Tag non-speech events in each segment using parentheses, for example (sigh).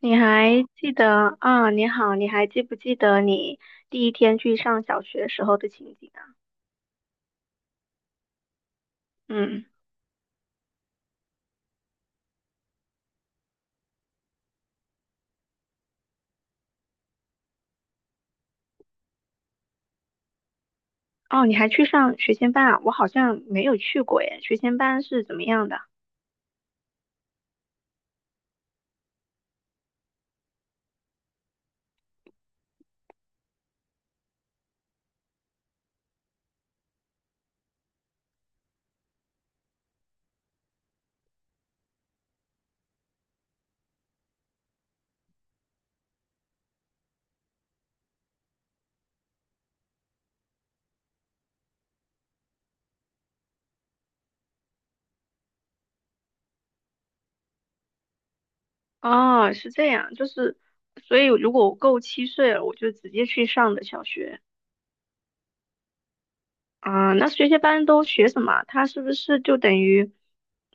你还记得啊？你好，你还记不记得你第一天去上小学时候的情景啊？嗯，哦，你还去上学前班啊？我好像没有去过耶。学前班是怎么样的？哦，是这样，就是，所以如果我够七岁了，我就直接去上的小学。啊，那学前班都学什么啊？它是不是就等于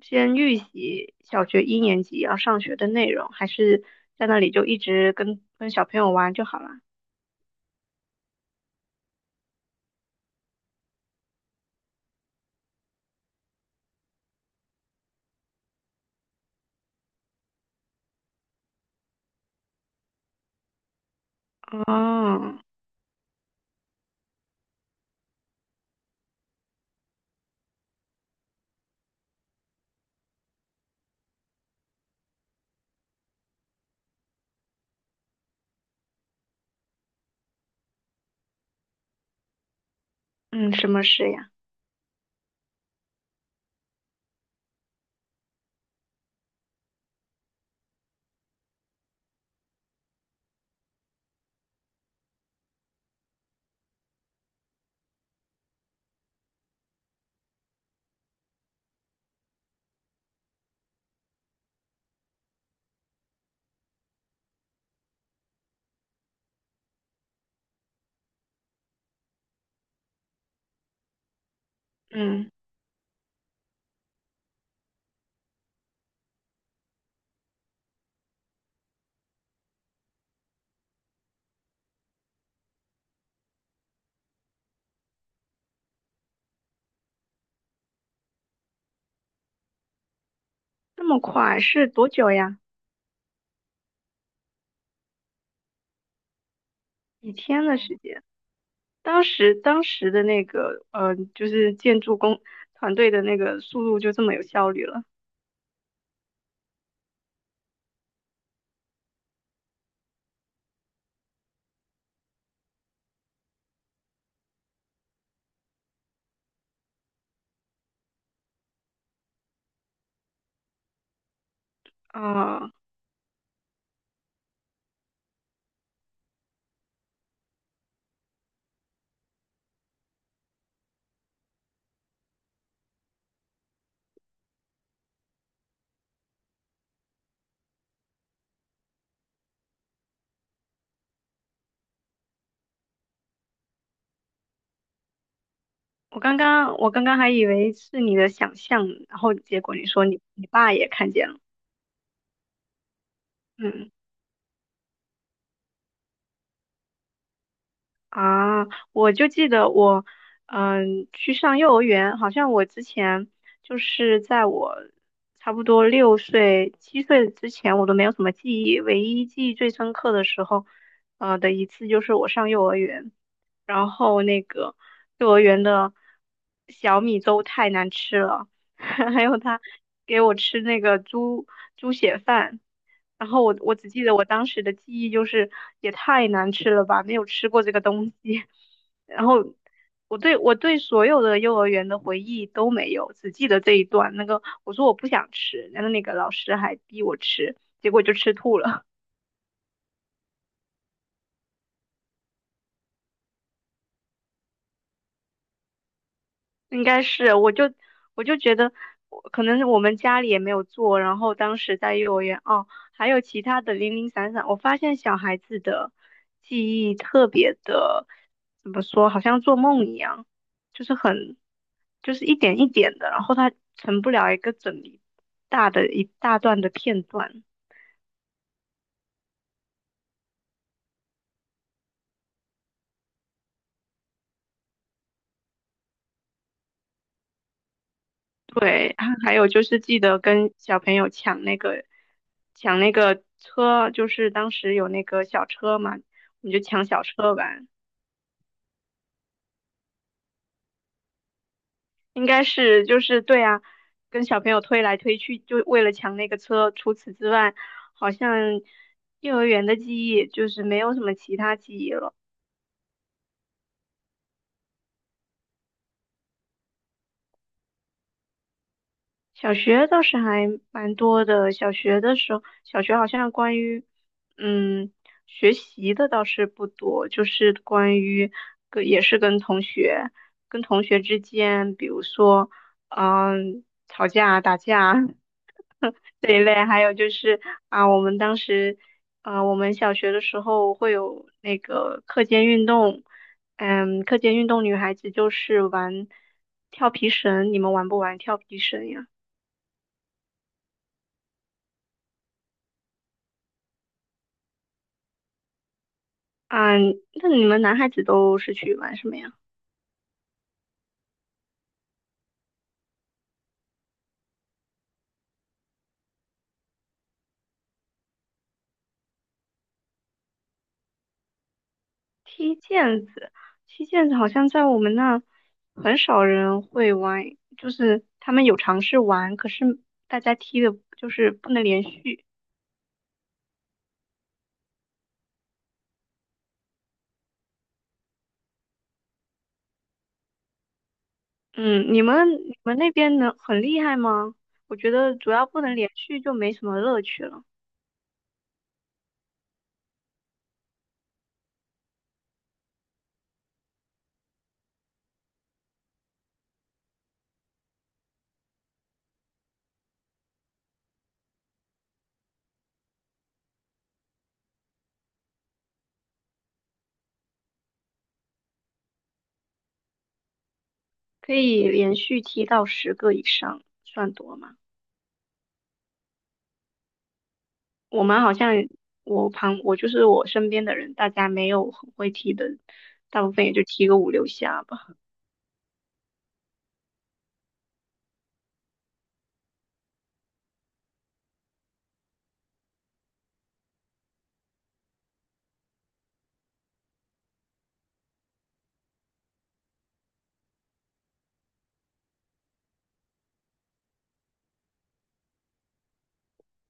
先预习小学一年级要上学的内容，还是在那里就一直跟小朋友玩就好了？哦。嗯，什么事呀？嗯，那么快是多久呀？几天的时间？当时的那个就是建筑工团队的那个速度就这么有效率了啊，我刚刚还以为是你的想象，然后结果你说你爸也看见了，嗯。啊，我就记得我，嗯，去上幼儿园，好像我之前就是在我差不多六岁、七岁之前，我都没有什么记忆，唯一记忆最深刻的时候，的一次就是我上幼儿园，然后那个幼儿园的小米粥太难吃了，(laughs) 还有他给我吃那个猪血饭。然后我只记得我当时的记忆就是也太难吃了吧，没有吃过这个东西。(laughs) 然后我对所有的幼儿园的回忆都没有，只记得这一段。那个我说我不想吃，然后那个老师还逼我吃，结果就吃吐了。应该是，我就觉得，我可能是我们家里也没有做，然后当时在幼儿园哦，还有其他的零零散散，我发现小孩子的记忆特别的，怎么说，好像做梦一样，就是很，就是一点一点的，然后他成不了一个整理大的一大段的片段。对，(laughs) 还有就是记得跟小朋友抢那个车，就是当时有那个小车嘛，我们就抢小车玩。应该是就是对啊，跟小朋友推来推去，就为了抢那个车。除此之外，好像幼儿园的记忆就是没有什么其他记忆了。小学倒是还蛮多的。小学的时候，小学好像关于嗯学习的倒是不多，就是关于跟也是跟同学跟同学之间，比如说吵架打架 (laughs) 这一类，还有就是啊我们当时我们小学的时候会有那个课间运动，嗯课间运动女孩子就是玩跳皮绳，你们玩不玩跳皮绳呀？嗯，那你们男孩子都是去玩什么呀？踢毽子，踢毽子好像在我们那很少人会玩，就是他们有尝试玩，可是大家踢的就是不能连续。嗯，你们那边能很厉害吗？我觉得主要不能连续就没什么乐趣了，可以连续踢到十个以上算多吗？我们好像我旁我就是我身边的人，大家没有很会踢的，大部分也就踢个五六下吧。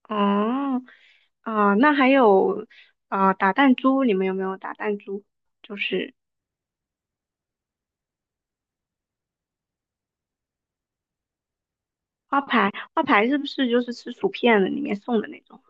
哦，啊、那还有啊、打弹珠，你们有没有打弹珠？就是花牌，花牌是不是就是吃薯片的里面送的那种？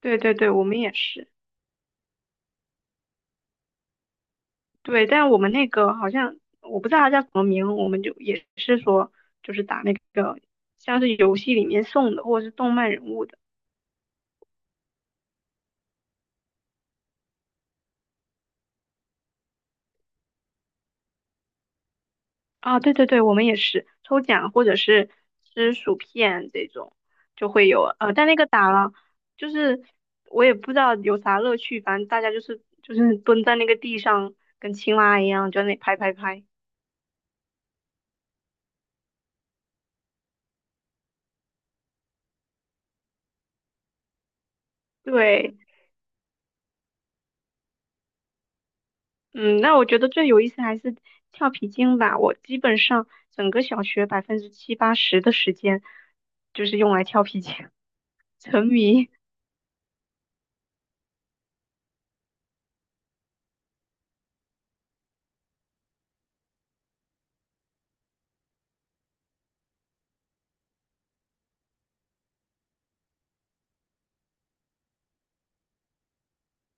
对对对，我们也是。对，但我们那个好像我不知道它叫什么名，我们就也是说就是打那个像是游戏里面送的，或者是动漫人物的。啊，对对对，我们也是抽奖或者是吃薯片这种就会有，但那个打了，就是我也不知道有啥乐趣，反正大家就是蹲在那个地上，跟青蛙一样，就在那里拍拍拍。对，嗯，那我觉得最有意思还是跳皮筋吧，我基本上整个小学百分之七八十的时间就是用来跳皮筋，(laughs) 沉迷。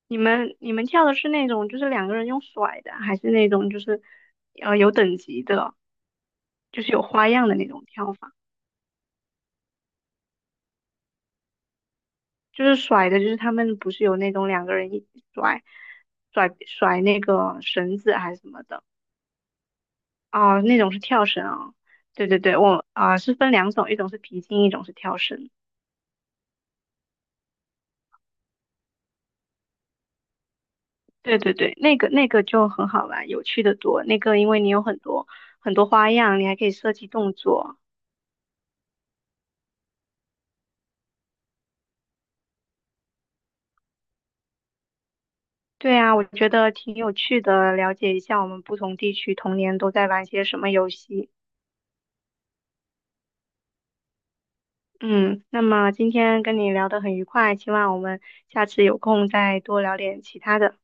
你们跳的是那种就是两个人用甩的，还是那种就是有等级的，就是有花样的那种跳法？就是甩的，就是他们不是有那种两个人一起甩那个绳子还是什么的啊、那种是跳绳啊、对对对，我啊、是分两种，一种是皮筋，一种是跳绳。对对对，那个那个就很好玩，有趣的多。那个因为你有很多花样，你还可以设计动作。对啊，我觉得挺有趣的，了解一下我们不同地区童年都在玩些什么游戏。嗯，那么今天跟你聊得很愉快，希望我们下次有空再多聊点其他的。